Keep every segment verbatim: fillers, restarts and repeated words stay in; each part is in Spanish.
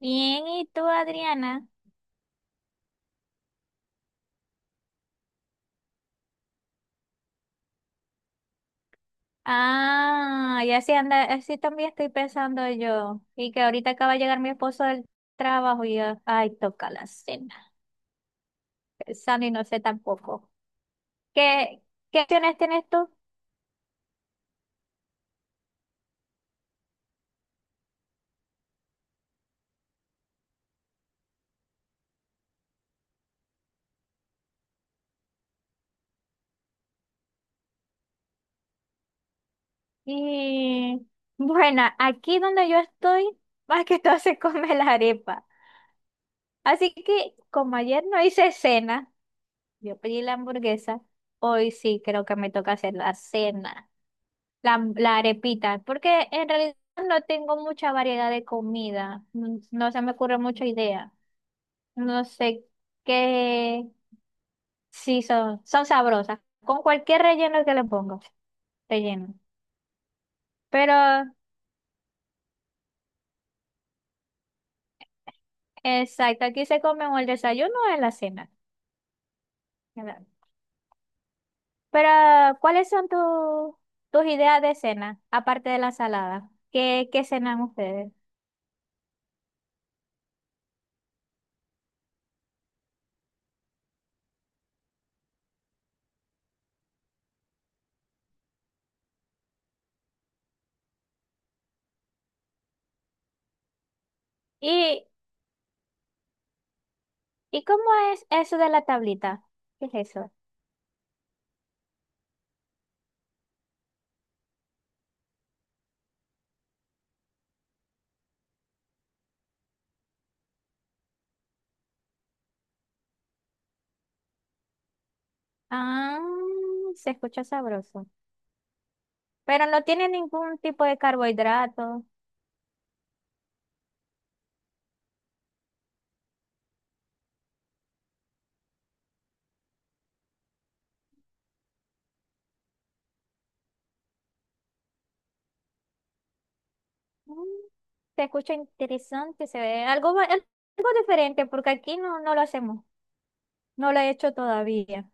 Bien, ¿y tú, Adriana? Ah, ya sí anda, así también estoy pensando yo. Y que ahorita acaba de llegar mi esposo del trabajo y yo, ay, toca la cena. Pensando y no sé tampoco. ¿Qué, qué opciones tienes tú? Y bueno, aquí donde yo estoy, más que todo se come la arepa. Así que como ayer no hice cena, yo pedí la hamburguesa, hoy sí creo que me toca hacer la cena. La, la arepita, porque en realidad no tengo mucha variedad de comida, mm, no se me ocurre mucha idea, no sé qué, sí son, son sabrosas, con cualquier relleno que le pongo, relleno. Pero, exacto, aquí se come o el desayuno o en la cena. ¿Verdad? Pero, ¿cuáles son tu- tus ideas de cena, aparte de la ensalada? ¿Qué, qué cenan ustedes? ¿Y, y cómo es eso de la tablita? ¿Qué es eso? Ah, se escucha sabroso. Pero no tiene ningún tipo de carbohidrato. Mm, Se escucha interesante, se ve algo, va- al- algo diferente porque aquí no, no lo hacemos. No lo he hecho todavía.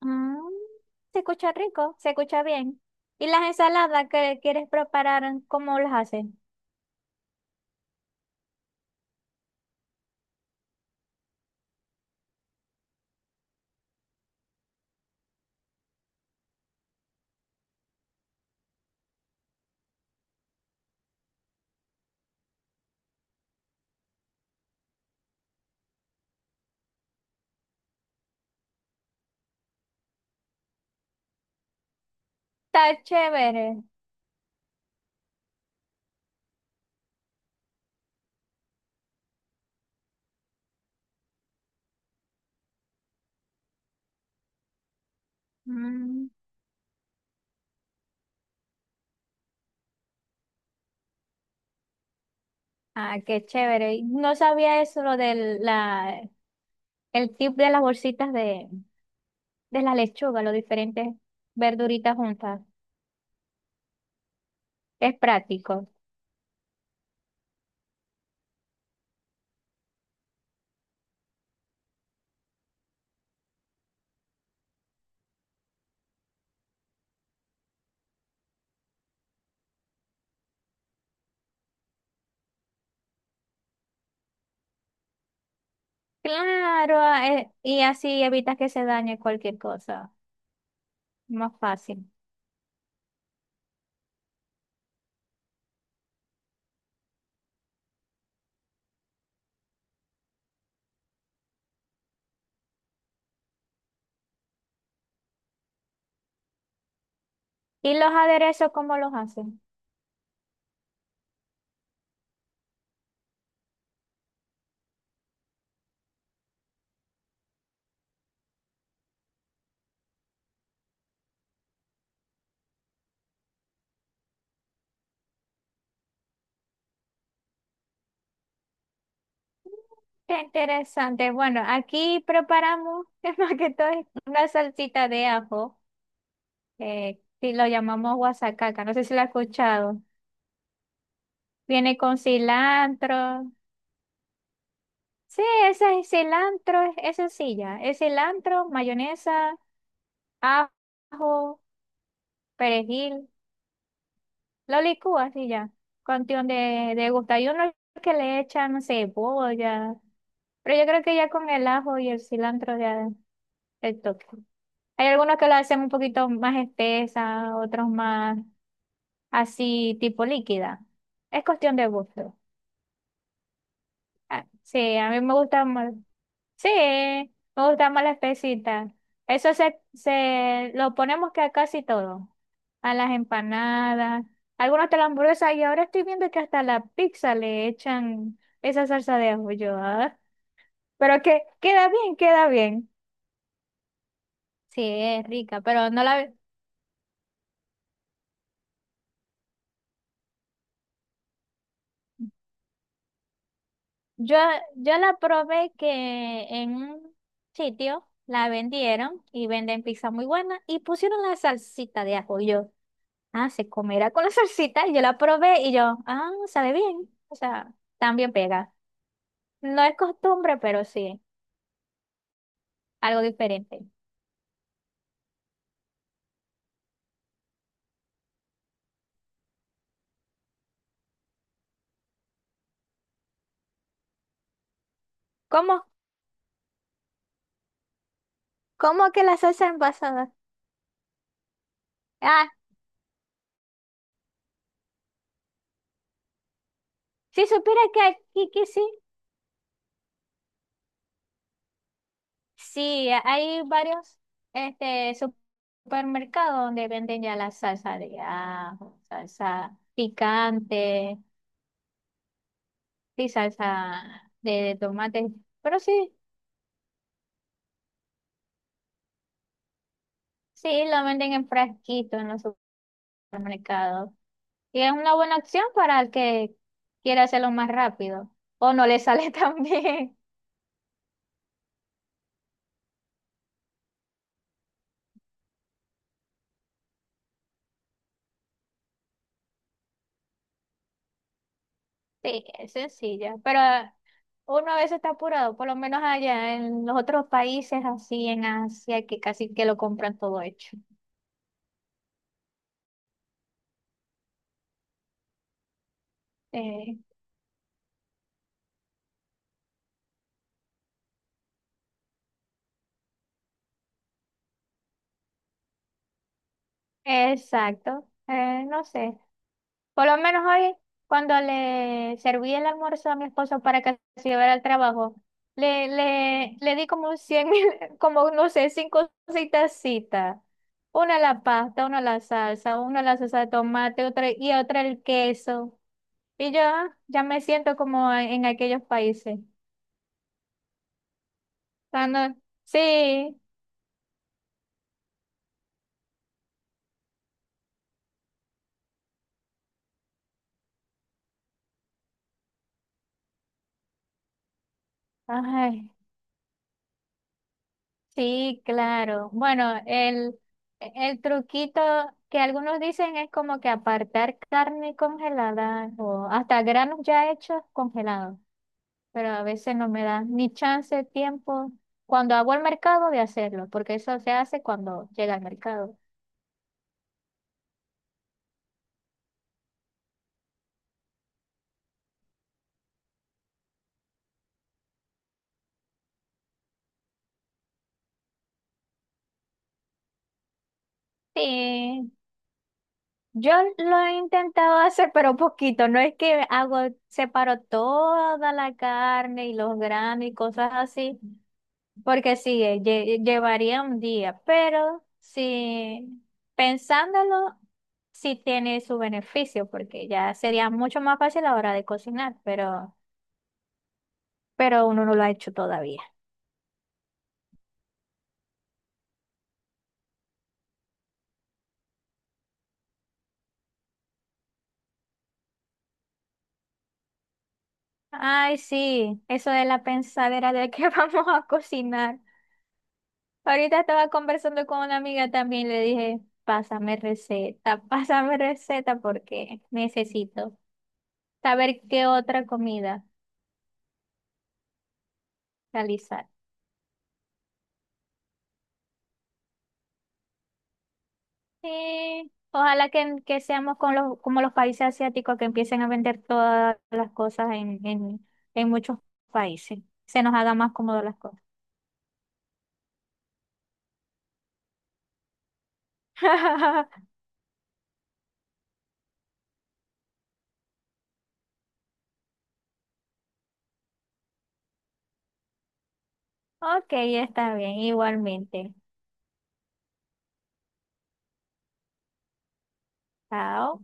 Mm, Se escucha rico, se escucha bien. ¿Y las ensaladas que quieres preparar, cómo las hacen? Está chévere. Mm, ah, qué chévere. No sabía eso, lo del la, el tip de las bolsitas de, de la lechuga, los diferentes verduritas juntas. Es práctico. Claro, a- eh, y así evitas que se dañe cualquier cosa. Más fácil. ¿Y los aderezos cómo los hacen? Qué interesante. Bueno, aquí preparamos que más que todo es una salsita de ajo, eh, que lo llamamos guasacaca. No sé si lo has escuchado. Viene con cilantro. Sí, ese es cilantro, es es sencilla. Es cilantro, mayonesa, ajo, perejil. Lo licúas y ya. Cuestión de, de gusto. Hay unos que le echan, no sé, cebolla. Pero yo creo que ya con el ajo y el cilantro ya el toque. Hay algunos que lo hacen un poquito más espesa, otros más así, tipo líquida. Es cuestión de gusto. Ah, sí, a mí me gusta más. Sí, me gusta más la espesita. Eso se, se lo ponemos que a casi todo. A las empanadas, algunos de la hamburguesa, y ahora estoy viendo que hasta a la pizza le echan esa salsa de ajo. Yo, ah. Pero que queda bien, queda bien. Sí, es rica, pero no la yo yo la probé que en un sitio la vendieron y venden pizza muy buena y pusieron la salsita de ajo. Yo. Ah, se comerá con la salsita. Y yo la probé y yo, ah, sabe bien. O sea, también pega. No es costumbre, pero sí, algo diferente. ¿Cómo? ¿Cómo que la salsa envasada? Ah, si supiera que aquí que sí, sí, hay varios este, supermercados donde venden ya la salsa de ajo, salsa picante, sí, salsa de tomate, pero sí, sí, lo venden en frasquito en los supermercados. Y es una buena opción para el que quiera hacerlo más rápido o no le sale tan bien. Sí, es sencilla, pero uno a veces está apurado, por lo menos allá en los otros países así en Asia que casi que lo compran todo hecho. Eh, exacto. Eh, no sé. Por lo menos hoy, cuando le serví el almuerzo a mi esposo para que se llevara al trabajo, le, le, le di como cien como no sé, cinco citas citas. Una a la pasta, una a la salsa, una a la salsa de tomate, otra y otra el queso. Y yo ah, ya me siento como en aquellos países. Cuando, sí, ay. Sí, claro. Bueno, el, el truquito que algunos dicen es como que apartar carne congelada o hasta granos ya hechos congelados, pero a veces no me da ni chance, tiempo, cuando hago el mercado de hacerlo, porque eso se hace cuando llega al mercado. Sí, yo lo he intentado hacer, pero poquito, no es que hago, separo toda la carne y los granos y cosas así. Porque sí, eh, lle- llevaría un día, pero si pensándolo, sí tiene su beneficio, porque ya sería mucho más fácil a la hora de cocinar, pero, pero uno no lo ha hecho todavía. Ay, sí, eso de la pensadera de que vamos a cocinar. Ahorita estaba conversando con una amiga también, le dije, pásame receta, pásame receta porque necesito saber qué otra comida realizar. Sí, ojalá que, que seamos con los, como los países asiáticos que empiecen a vender todas las cosas en, en, en muchos países. Se nos haga más cómodo las cosas. Ok, está bien, igualmente. Chao.